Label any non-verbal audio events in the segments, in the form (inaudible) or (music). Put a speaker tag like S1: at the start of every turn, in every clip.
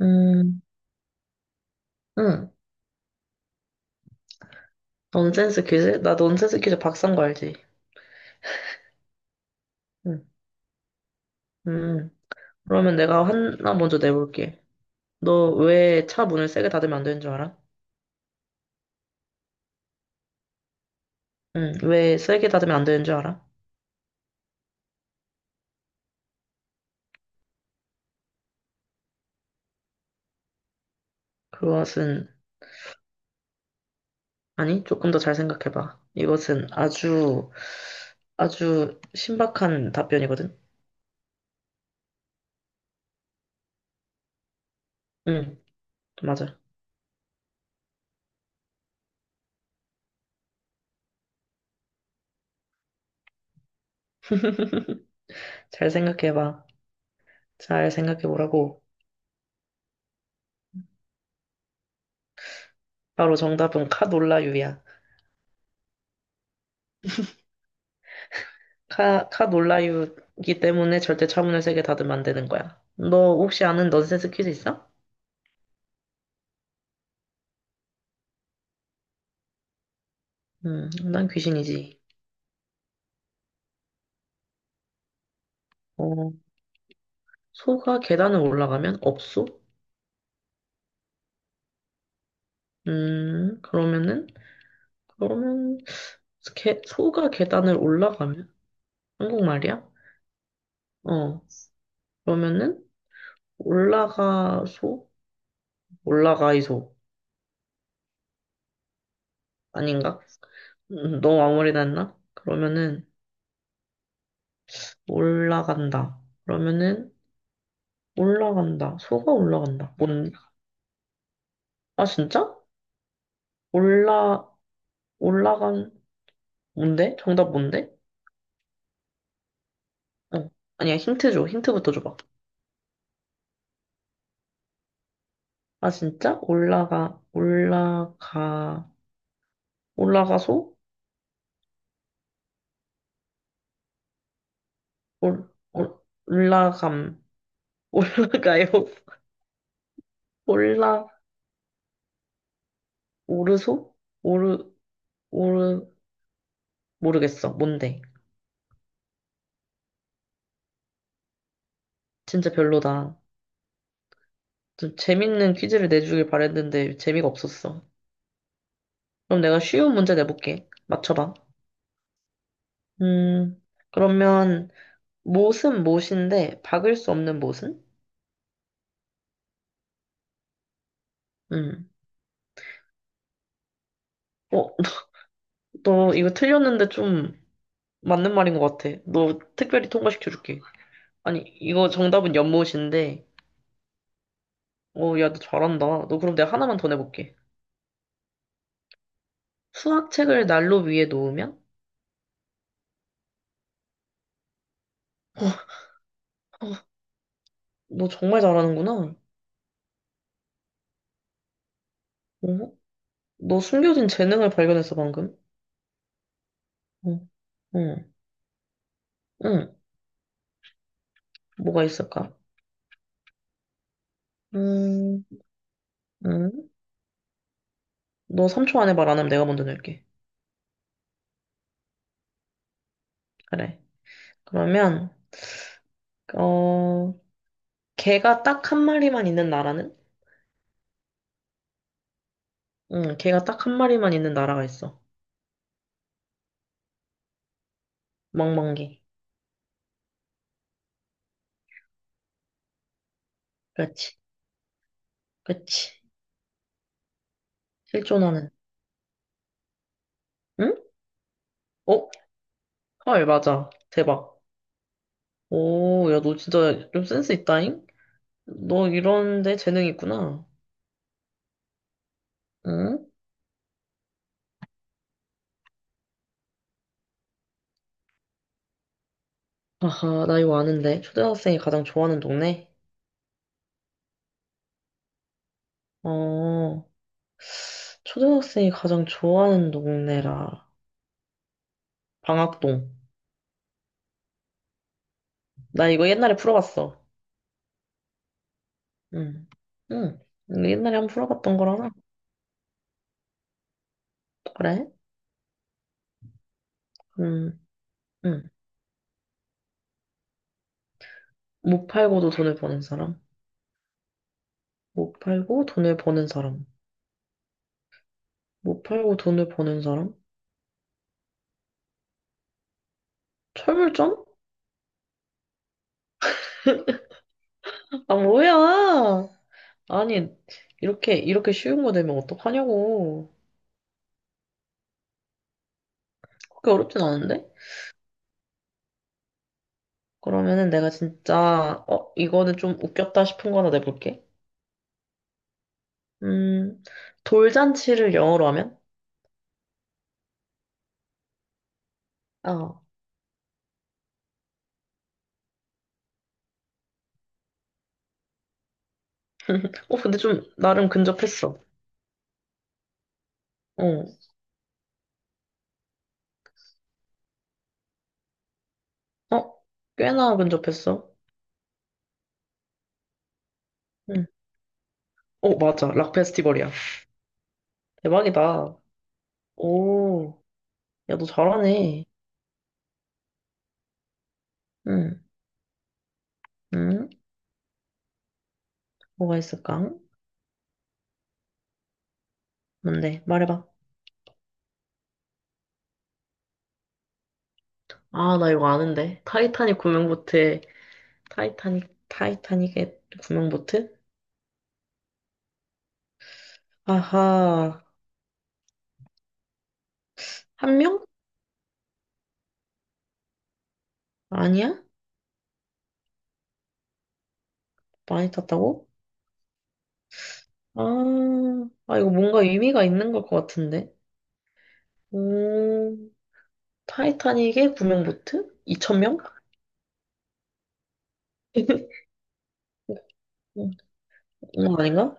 S1: 음, 응. 넌센스 퀴즈? 나 넌센스 퀴즈 박사인 거 알지? 응. 음. 그러면 내가 하나 먼저 내볼게. 너 왜 차 문을 세게 닫으면 안 되는 줄 알아? 응. 왜 세게 닫으면 안 되는 줄 알아? 그것은, 아니, 조금 더 잘 생각해봐. 이것은 아주, 아주 신박한 답변이거든? 응. 맞아. 잘 생각해봐. 잘 생각해보라고. 바로 정답은 카놀라유야. 카 놀라유기 때문에 절대 차문을 세게 닫으면 안 되는 거야. 너 혹시 아는 넌센스 퀴즈 있어? 난 귀신이지. 어, 소가 계단을 올라가면 없소? 그러면은, 그러면, 소가 계단을 올라가면? 한국말이야? 어, 그러면은, 올라가, 소? 올라가, 이소. 아닌가? 너무 아무리 했나 그러면은, 올라간다. 그러면은, 올라간다. 소가 올라간다. 뭔데? 아, 진짜? 올라, 올라간, 뭔데? 정답 뭔데? 어. 아니야, 힌트 줘. 힌트부터 줘봐. 아, 진짜? 올라가, 올라가, 올라가소? 올, 올, 올라감, (laughs) 올라가요? 올라, 오르소? 오르, 오르, 모르겠어. 뭔데? 진짜 별로다. 좀 재밌는 퀴즈를 내주길 바랬는데 재미가 없었어. 그럼 내가 쉬운 문제 내볼게. 맞춰봐. 음, 그러면, 못은 못인데 박을 수 없는 못은? 응. 어, (laughs) 너 이거 틀렸는데 좀 맞는 말인 것 같아. 너 특별히 통과시켜줄게. 아니, 이거 정답은 연못인데. 어, 야, 너 잘한다. 너 그럼 내가 하나만 더 내볼게. 수학책을 난로 위에 놓으면? 어, 어, 너 정말 잘하는구나. 어? 너 숨겨진 재능을 발견했어, 방금. 어, 응, 응. 뭐가 있을까? 음, 응. 너 3초 안에 말 안 하면 내가 먼저 낼게. 그래. 그러면, 어, 개가 딱 한 마리만 있는 나라는? 응, 개가 딱 한 마리만 있는 나라가 있어. 멍멍개. 그렇지, 그렇지. 실존하는. 응? 어? 헐, 맞아. 대박. 오, 야, 너 진짜 좀 센스 있다잉? 너 이런데 재능 있구나. 응? 아하, 나 이거 아는데. 초등학생이 가장 좋아하는 동네? 어, 초등학생이 가장 좋아하는 동네라. 방학동. 나 이거 옛날에 풀어봤어. 응, 응. 이거 옛날에 한번 풀어봤던 거라서. 그래? 음, 음. 못 팔고도 돈을 버는 사람? 못 팔고 돈을 버는 사람? 못 팔고 돈을 버는 사람? 철물점? 아, 뭐야! 아니, 이렇게 쉬운 거 되면 어떡하냐고. 그렇게 어렵진 않은데? 그러면은 내가 진짜, 어, 이거는 좀 웃겼다 싶은 거 하나 내볼게. 음, 돌잔치를 영어로 하면? 어. (laughs) 어, 근데 좀, 나름 근접했어. 어, 어, 꽤나 근접했어. 응. 어, 맞아. 락 페스티벌이야. 대박이다. 오, 야, 너 잘하네. 응, 응, 뭐가 있을까? 뭔데? 말해봐. 아, 나 이거 아는데. 타이타닉 구명보트에, 타이타닉의 구명보트? 아하, 한 명? 아니야? 많이 탔다고? 아, 이거 뭔가 의미가 있는 것 같은데. 오, 타이타닉의 구명보트? 2천명. 응, 이건 아닌가?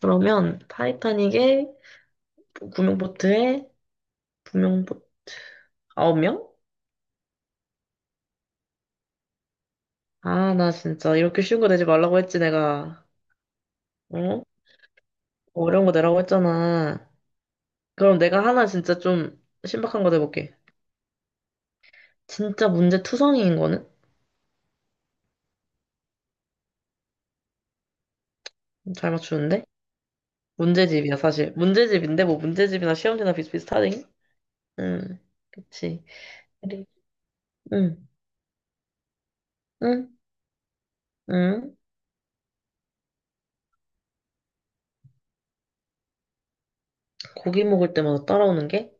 S1: 그러면, 타이타닉의 구명보트에, 구명보트, 9명? 아, 나 진짜 이렇게 쉬운 거 내지 말라고 했지, 내가. 어? 어려운 거 내라고 했잖아. 그럼 내가 하나 진짜 좀 신박한 거 내볼게. 진짜 문제 투성이인 거는? 잘 맞추는데? 문제집이야, 사실. 문제집인데, 뭐 문제집이나 시험지나 비슷비슷하지? 응, 그치. 그래. 응, 응, 응. 고기 먹을 때마다 따라오는 게?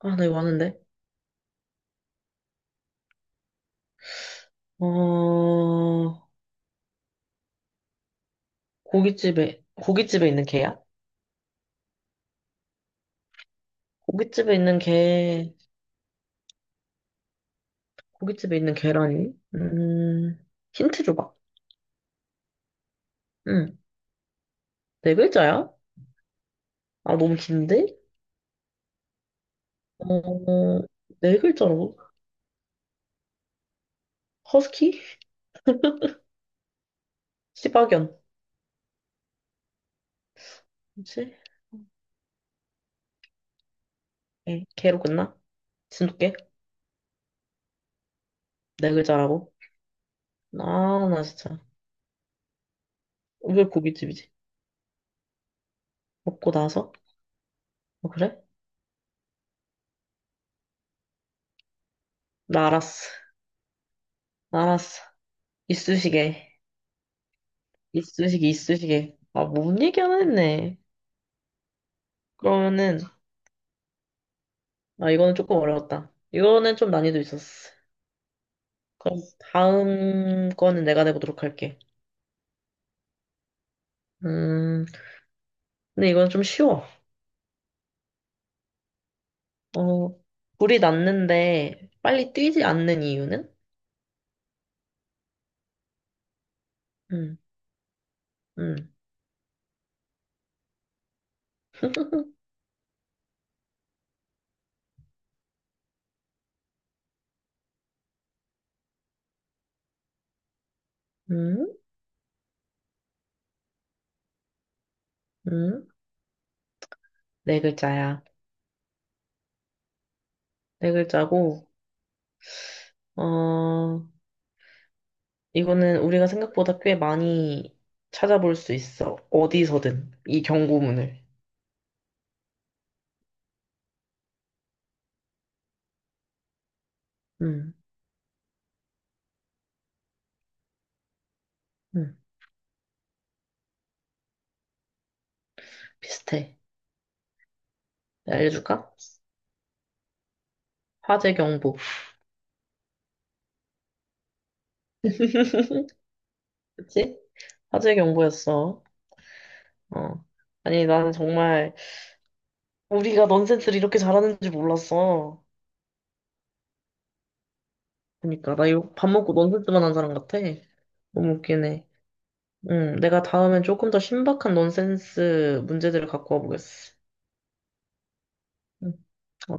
S1: 아, 나 이거 아는데. 어, 고깃집에 있는 개야? 고깃집에 있는 개. 고깃집에 있는 계란이? 힌트 줘봐. 응. 네 글자야? 아, 너무 긴데? 어, 네 글자라고? 허스키? 시바견. 그치? 예, 개로 끝나? 진돗개? 네 글자라고? 아, 나 진짜. 왜 고깃집이지? 먹고 나서? 어, 그래? 나 알았어. 나 알았어. 이쑤시개. 이쑤시개. 아, 뭔 얘기 하나 했네. 그러면은, 아, 이거는 조금 어려웠다. 이거는 좀 난이도 있었어. 그럼 다음 거는 내가 내보도록 할게. 음, 근데 이건 좀 쉬워. 어, 불이 났는데 빨리 뛰지 않는 이유는? 음, 음, 음, 음. 네 글자야. 네 글자고, 어, 이거는 우리가 생각보다 꽤 많이 찾아볼 수 있어. 어디서든. 이 경고문을. 음, 음. 비슷해. 내가 알려줄까? 화재 경보. (laughs) 그치? 화재 경보였어. 어. 아니, 나는 정말 우리가 넌센스를 이렇게 잘하는 줄 몰랐어. 그러니까 나 이거 밥 먹고 넌센스만 한 사람 같아. 너무 웃기네. 응, 내가 다음엔 조금 더 신박한 넌센스 문제들을 갖고 와보겠어. 응, 오케이.